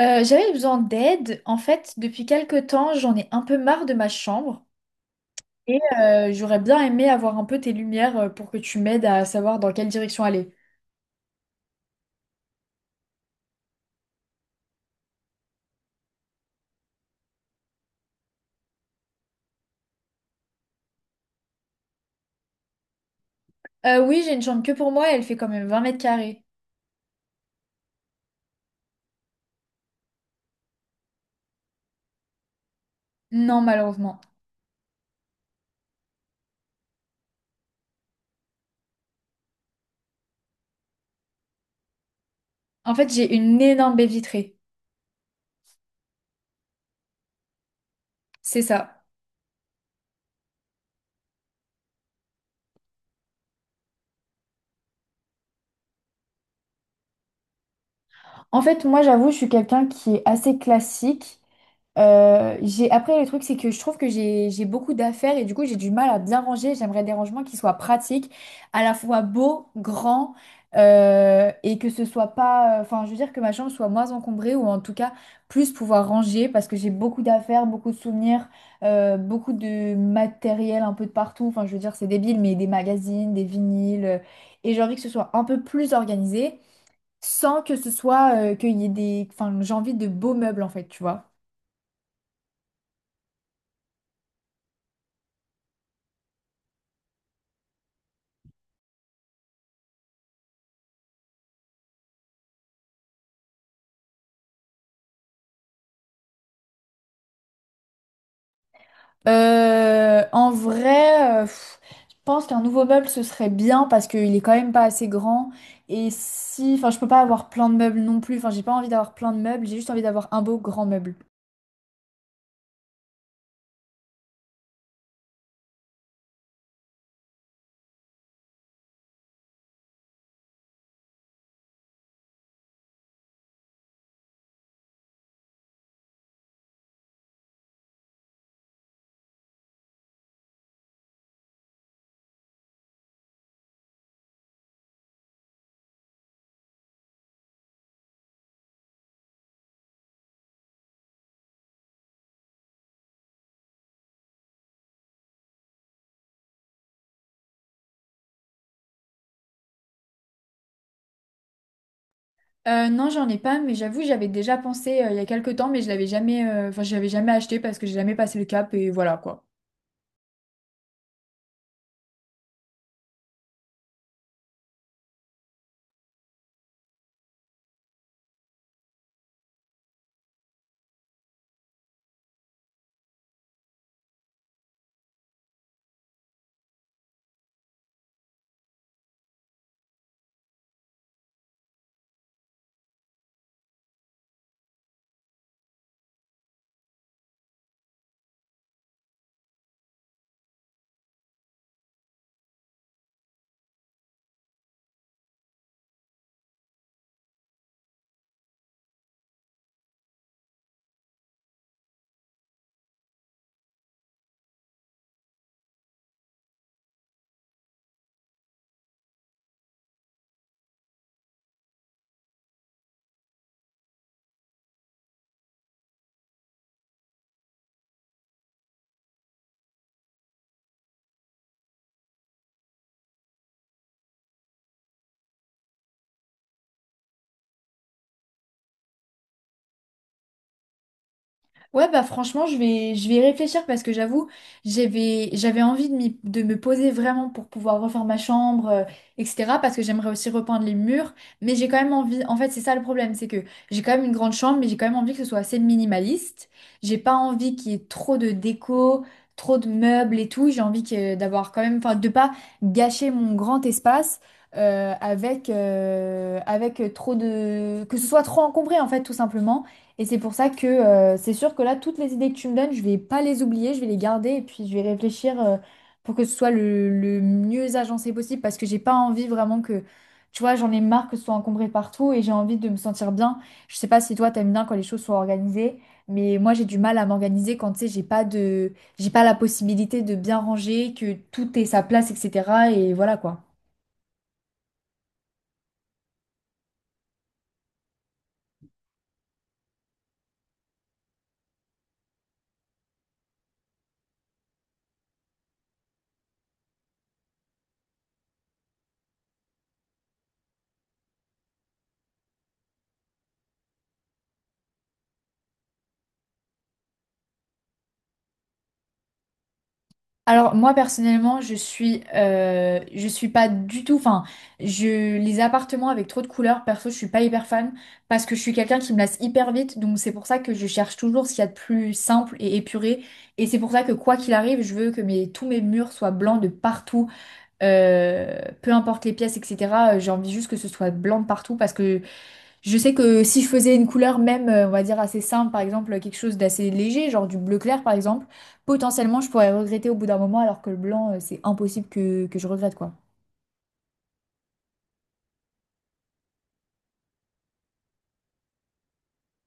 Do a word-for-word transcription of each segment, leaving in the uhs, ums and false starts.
Euh, j'avais besoin d'aide. En fait, depuis quelque temps, j'en ai un peu marre de ma chambre et euh, j'aurais bien aimé avoir un peu tes lumières euh, pour que tu m'aides à savoir dans quelle direction aller. Euh, oui, j'ai une chambre que pour moi et elle fait quand même vingt mètres carrés. Non, malheureusement. En fait, j'ai une énorme baie vitrée. C'est ça. En fait, moi, j'avoue, je suis quelqu'un qui est assez classique. Euh, j'ai... Après, le truc, c'est que je trouve que j'ai j'ai beaucoup d'affaires et du coup, j'ai du mal à bien ranger. J'aimerais des rangements qui soient pratiques, à la fois beaux, grands, euh, et que ce soit pas... Enfin, je veux dire que ma chambre soit moins encombrée ou en tout cas plus pouvoir ranger parce que j'ai beaucoup d'affaires, beaucoup de souvenirs, euh, beaucoup de matériel un peu de partout. Enfin, je veux dire, c'est débile, mais des magazines, des vinyles. euh, Et j'ai envie que ce soit un peu plus organisé sans que ce soit euh, qu'il y ait des... Enfin, j'ai envie de beaux meubles, en fait, tu vois. Euh, en vrai, euh, pff, je pense qu'un nouveau meuble, ce serait bien parce qu'il est quand même pas assez grand. Et si... Enfin, je peux pas avoir plein de meubles non plus. Enfin, j'ai pas envie d'avoir plein de meubles, j'ai juste envie d'avoir un beau grand meuble. Euh, non, j'en ai pas, mais j'avoue, j'avais déjà pensé euh, il y a quelques temps, mais je l'avais jamais, euh, enfin, je l'avais jamais acheté parce que j'ai jamais passé le cap et voilà quoi. Ouais, bah franchement, je vais, je vais y réfléchir parce que j'avoue, j'avais, j'avais envie de, m'y- de me poser vraiment pour pouvoir refaire ma chambre, euh, et cetera. Parce que j'aimerais aussi repeindre les murs. Mais j'ai quand même envie, en fait, c'est ça le problème, c'est que j'ai quand même une grande chambre, mais j'ai quand même envie que ce soit assez minimaliste. J'ai pas envie qu'il y ait trop de déco, trop de meubles et tout. J'ai envie que, d'avoir quand même, enfin, de pas gâcher mon grand espace, euh, avec, euh, avec trop de... que ce soit trop encombré en fait tout simplement. Et c'est pour ça que euh, c'est sûr que là, toutes les idées que tu me donnes, je vais pas les oublier, je vais les garder et puis je vais réfléchir euh, pour que ce soit le, le mieux agencé possible parce que j'ai pas envie vraiment que, tu vois, j'en ai marre que ce soit encombré partout et j'ai envie de me sentir bien. Je sais pas si toi, t'aimes bien quand les choses sont organisées, mais moi, j'ai du mal à m'organiser quand, tu sais, j'ai pas de, j'ai pas la possibilité de bien ranger, que tout ait sa place, et cetera. Et voilà quoi. Alors moi personnellement, je suis, euh, je suis pas du tout. Enfin, je les appartements avec trop de couleurs, perso, je suis pas hyper fan parce que je suis quelqu'un qui me lasse hyper vite. Donc c'est pour ça que je cherche toujours ce qu'il y a de plus simple et épuré. Et c'est pour ça que quoi qu'il arrive, je veux que mes, tous mes murs soient blancs de partout, euh, peu importe les pièces, et cetera. J'ai envie juste que ce soit blanc de partout parce que je sais que si je faisais une couleur même, euh, on va dire assez simple, par exemple quelque chose d'assez léger, genre du bleu clair par exemple, potentiellement je pourrais regretter au bout d'un moment alors que le blanc, euh, c'est impossible que, que je regrette quoi.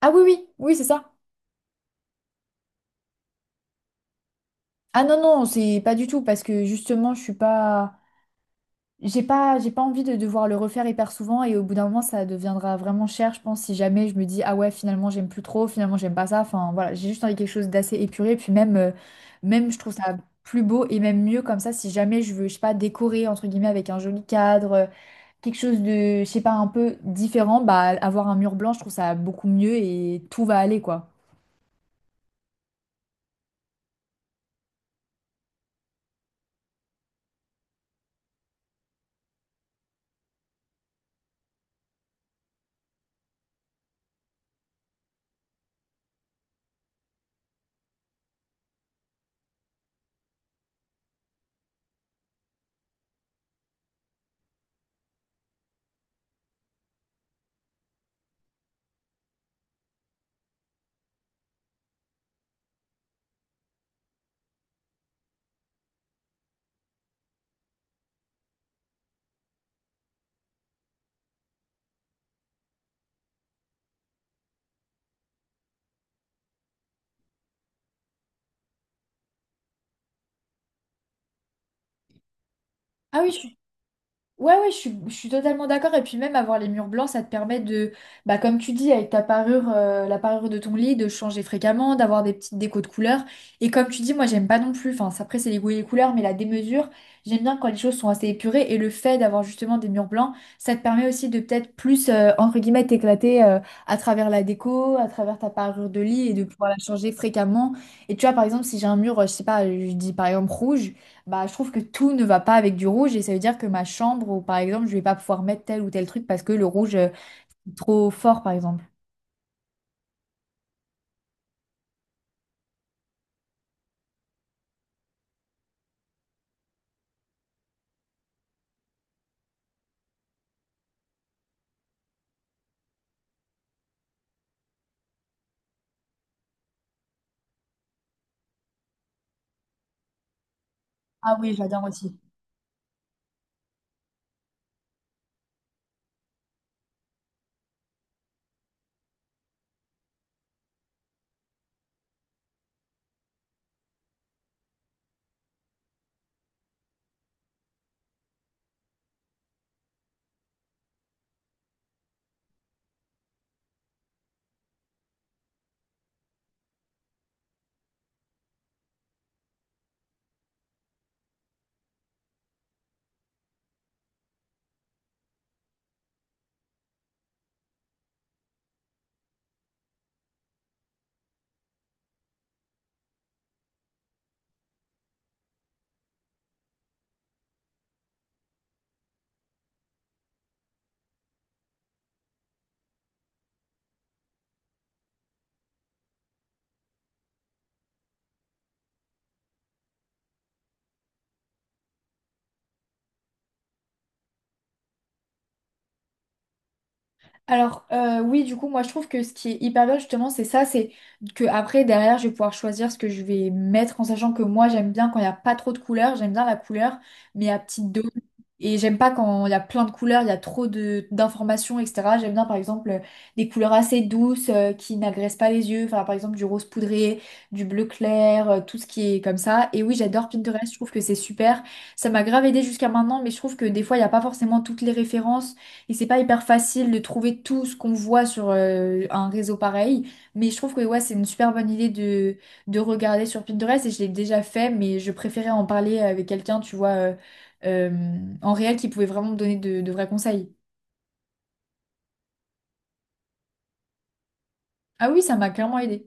Ah oui, oui, oui, c'est ça. Ah non, non, c'est pas du tout parce que justement je suis pas... J'ai pas, j'ai pas envie de devoir le refaire hyper souvent et au bout d'un moment ça deviendra vraiment cher, je pense, si jamais je me dis ah ouais finalement j'aime plus trop, finalement j'aime pas ça, enfin voilà, j'ai juste envie de quelque chose d'assez épuré, et puis même, euh, même je trouve ça plus beau et même mieux comme ça si jamais je veux, je sais pas, décorer entre guillemets avec un joli cadre, euh, quelque chose de, je sais pas, un peu différent, bah avoir un mur blanc, je trouve ça beaucoup mieux et tout va aller quoi. Ah oui, je suis ouais, ouais, je suis, je suis totalement d'accord. Et puis même avoir les murs blancs, ça te permet de, bah, comme tu dis, avec ta parure, euh, la parure de ton lit, de changer fréquemment, d'avoir des petites décos de couleurs. Et comme tu dis, moi, j'aime pas non plus, enfin, ça, après, c'est les goûts et les couleurs, mais la démesure, j'aime bien quand les choses sont assez épurées. Et le fait d'avoir justement des murs blancs, ça te permet aussi de peut-être plus, euh, entre guillemets, t'éclater, euh, à travers la déco, à travers ta parure de lit et de pouvoir la changer fréquemment. Et tu vois, par exemple, si j'ai un mur, euh, je sais pas, je dis par exemple rouge. Bah, je trouve que tout ne va pas avec du rouge et ça veut dire que ma chambre, ou par exemple, je vais pas pouvoir mettre tel ou tel truc parce que le rouge euh, est trop fort, par exemple. Ah oui, j'adore aussi. Alors euh, oui, du coup, moi je trouve que ce qui est hyper bien justement, c'est ça, c'est que après derrière, je vais pouvoir choisir ce que je vais mettre en sachant que moi j'aime bien quand il n'y a pas trop de couleurs, j'aime bien la couleur, mais à petite dose. Et j'aime pas quand il y a plein de couleurs, il y a trop de d'informations, et cetera. J'aime bien par exemple des couleurs assez douces euh, qui n'agressent pas les yeux, enfin par exemple du rose poudré, du bleu clair, euh, tout ce qui est comme ça. Et oui, j'adore Pinterest, je trouve que c'est super. Ça m'a grave aidé jusqu'à maintenant, mais je trouve que des fois il n'y a pas forcément toutes les références. Et c'est pas hyper facile de trouver tout ce qu'on voit sur euh, un réseau pareil, mais je trouve que ouais, c'est une super bonne idée de, de regarder sur Pinterest et je l'ai déjà fait, mais je préférais en parler avec quelqu'un, tu vois, euh, euh, en réel qui pouvait vraiment me donner de, de vrais conseils. Ah oui, ça m'a clairement aidé.